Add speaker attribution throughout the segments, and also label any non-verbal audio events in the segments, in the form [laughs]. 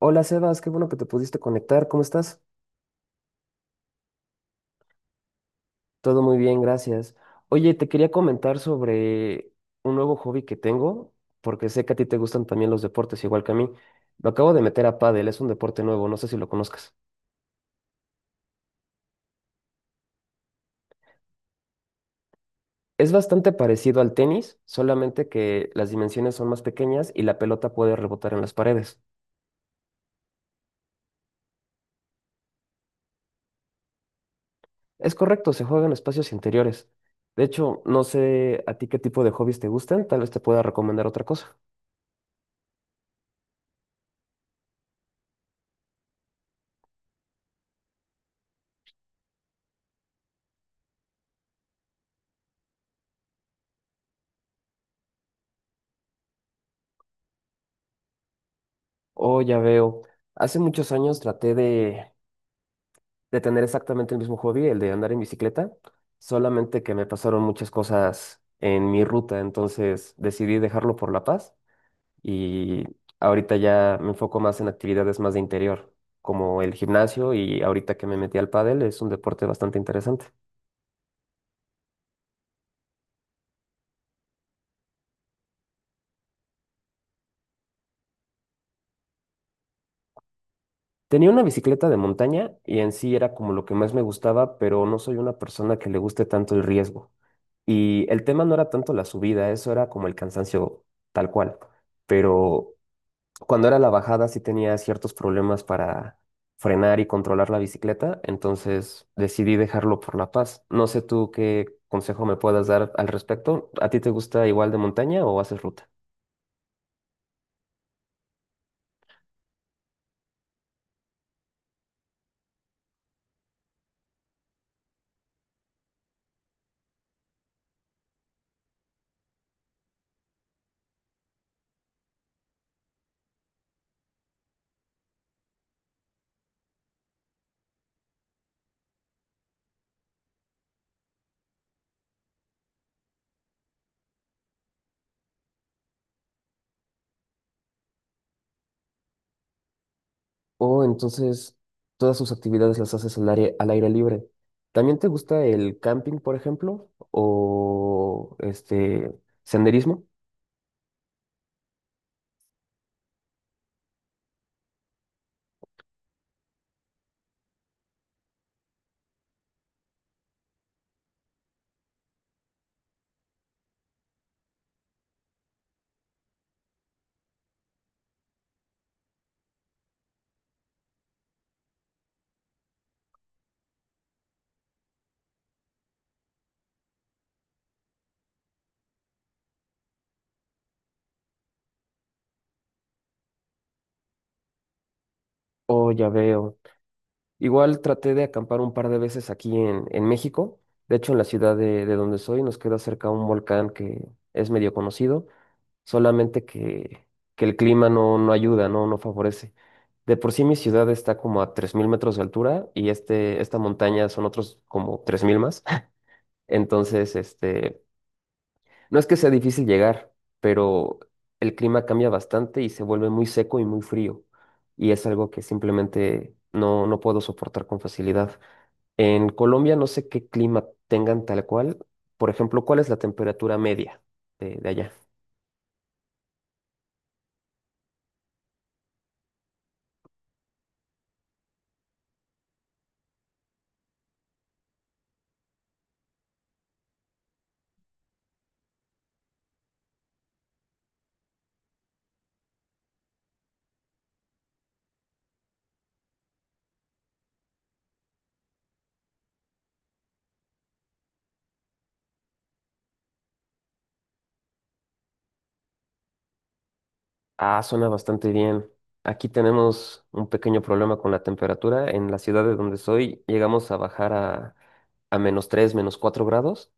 Speaker 1: Hola Sebas, qué bueno que te pudiste conectar. ¿Cómo estás? Todo muy bien, gracias. Oye, te quería comentar sobre un nuevo hobby que tengo, porque sé que a ti te gustan también los deportes, igual que a mí. Lo acabo de meter a pádel, es un deporte nuevo, no sé si lo conozcas. Es bastante parecido al tenis, solamente que las dimensiones son más pequeñas y la pelota puede rebotar en las paredes. Es correcto, se juega en espacios interiores. De hecho, no sé a ti qué tipo de hobbies te gustan, tal vez te pueda recomendar otra cosa. Oh, ya veo. Hace muchos años traté de tener exactamente el mismo hobby, el de andar en bicicleta, solamente que me pasaron muchas cosas en mi ruta, entonces decidí dejarlo por La Paz y ahorita ya me enfoco más en actividades más de interior, como el gimnasio y ahorita que me metí al pádel es un deporte bastante interesante. Tenía una bicicleta de montaña y en sí era como lo que más me gustaba, pero no soy una persona que le guste tanto el riesgo. Y el tema no era tanto la subida, eso era como el cansancio tal cual. Pero cuando era la bajada sí tenía ciertos problemas para frenar y controlar la bicicleta, entonces decidí dejarlo por La Paz. No sé tú qué consejo me puedas dar al respecto. ¿A ti te gusta igual de montaña o haces ruta? Oh, entonces todas sus actividades las haces al aire libre. ¿También te gusta el camping, por ejemplo? ¿O este senderismo? Oh, ya veo. Igual traté de acampar un par de veces aquí en México. De hecho, en la ciudad de donde soy nos queda cerca un volcán que es medio conocido, solamente que el clima no, no ayuda, no, no favorece. De por sí mi ciudad está como a 3000 metros de altura y este, esta montaña son otros como 3000 más. [laughs] Entonces, este, no es que sea difícil llegar, pero el clima cambia bastante y se vuelve muy seco y muy frío. Y es algo que simplemente no, no puedo soportar con facilidad. En Colombia no sé qué clima tengan tal cual. Por ejemplo, ¿cuál es la temperatura media de allá? Ah, suena bastante bien. Aquí tenemos un pequeño problema con la temperatura. En la ciudad de donde soy llegamos a bajar a menos 3, menos 4 grados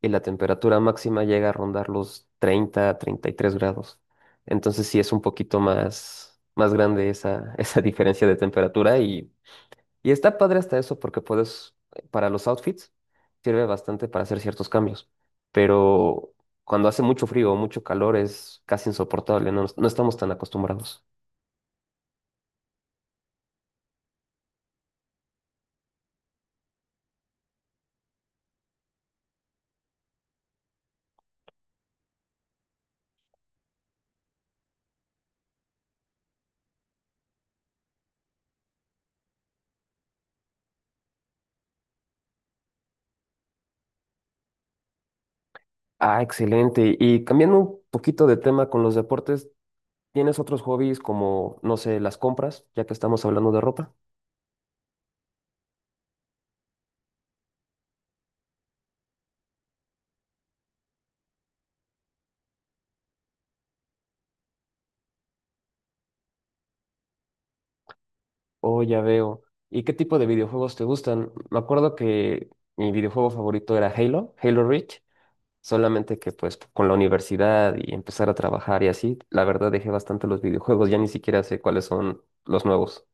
Speaker 1: y la temperatura máxima llega a rondar los 30, 33 grados. Entonces sí es un poquito más, más grande esa, [laughs] esa diferencia de temperatura y está padre hasta eso porque puedes, para los outfits, sirve bastante para hacer ciertos cambios. Pero cuando hace mucho frío o mucho calor es casi insoportable, no, no estamos tan acostumbrados. Ah, excelente. Y cambiando un poquito de tema con los deportes, ¿tienes otros hobbies como, no sé, las compras, ya que estamos hablando de ropa? Oh, ya veo. ¿Y qué tipo de videojuegos te gustan? Me acuerdo que mi videojuego favorito era Halo, Halo Reach. Solamente que pues con la universidad y empezar a trabajar y así, la verdad dejé bastante los videojuegos, ya ni siquiera sé cuáles son los nuevos.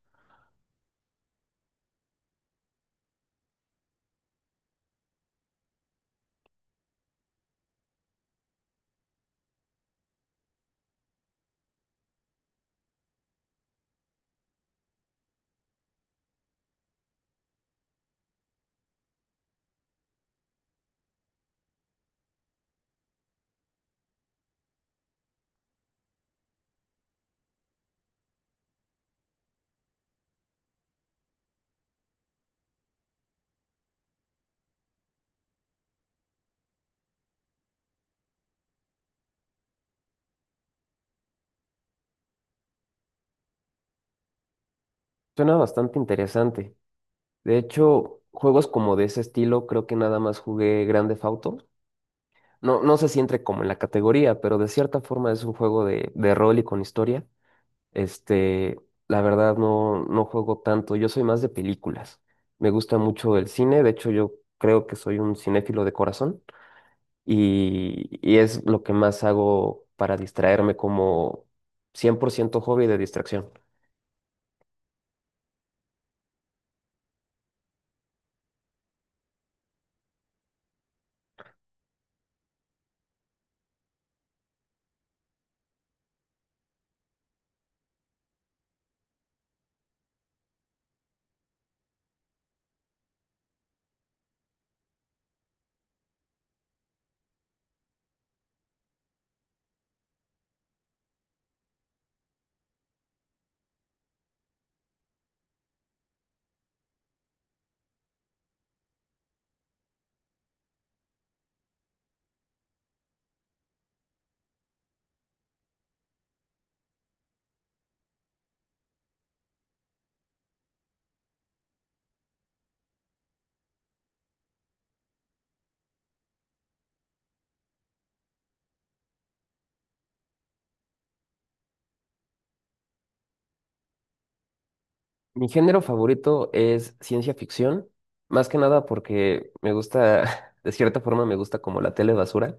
Speaker 1: Suena bastante interesante. De hecho, juegos como de ese estilo, creo que nada más jugué Grande Theft Auto. No, no sé si entre como en la categoría, pero de cierta forma es un juego de rol y con historia. Este, la verdad no, no juego tanto, yo soy más de películas. Me gusta mucho el cine, de hecho yo creo que soy un cinéfilo de corazón. Y, y es lo que más hago para distraerme como 100% hobby de distracción. Mi género favorito es ciencia ficción, más que nada porque me gusta, [laughs] de cierta forma me gusta como la tele basura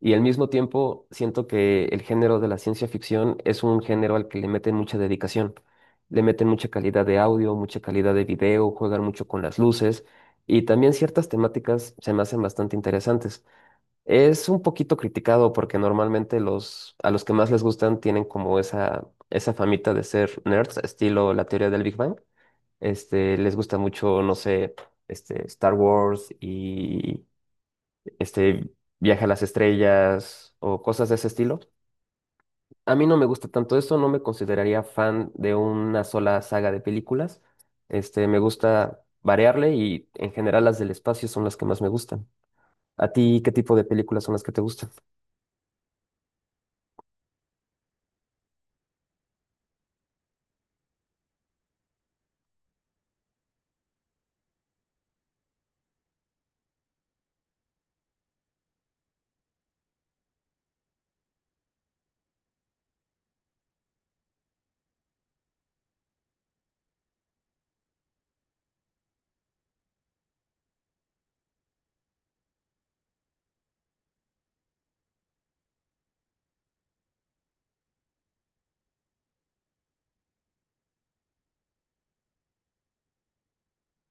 Speaker 1: y al mismo tiempo siento que el género de la ciencia ficción es un género al que le meten mucha dedicación. Le meten mucha calidad de audio, mucha calidad de video, juegan mucho con las luces y también ciertas temáticas se me hacen bastante interesantes. Es un poquito criticado porque normalmente los, a los que más les gustan tienen como esa famita de ser nerds, estilo la teoría del Big Bang. Este, les gusta mucho, no sé, este, Star Wars y este, Viaje a las Estrellas o cosas de ese estilo. A mí no me gusta tanto eso, no me consideraría fan de una sola saga de películas. Este, me gusta variarle y en general las del espacio son las que más me gustan. ¿A ti qué tipo de películas son las que te gustan?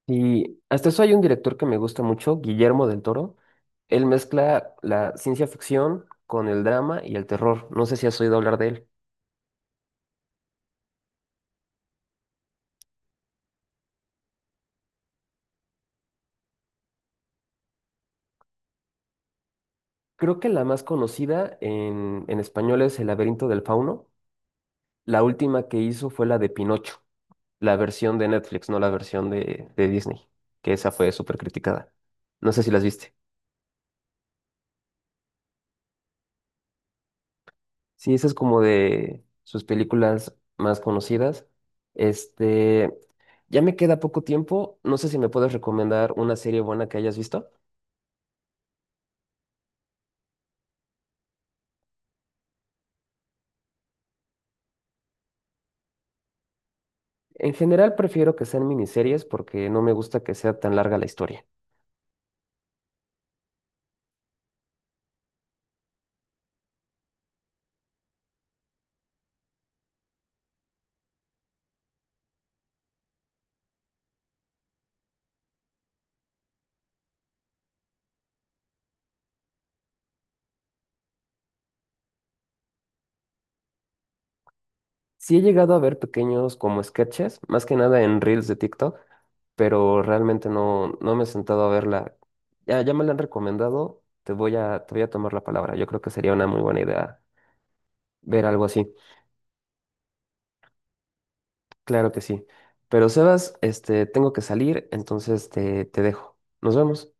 Speaker 1: Y hasta eso hay un director que me gusta mucho, Guillermo del Toro. Él mezcla la ciencia ficción con el drama y el terror. No sé si has oído hablar de él. Creo que la más conocida en español es El laberinto del fauno. La última que hizo fue la de Pinocho, la versión de Netflix, no la versión de Disney, que esa fue súper criticada. No sé si las viste. Sí, esa es como de sus películas más conocidas. Este, ya me queda poco tiempo. No sé si me puedes recomendar una serie buena que hayas visto. En general prefiero que sean miniseries porque no me gusta que sea tan larga la historia. Sí he llegado a ver pequeños como sketches, más que nada en reels de TikTok, pero realmente no, no me he sentado a verla. Ya, ya me la han recomendado. Te voy a tomar la palabra. Yo creo que sería una muy buena idea ver algo así. Claro que sí. Pero Sebas, este, tengo que salir, entonces te dejo. Nos vemos.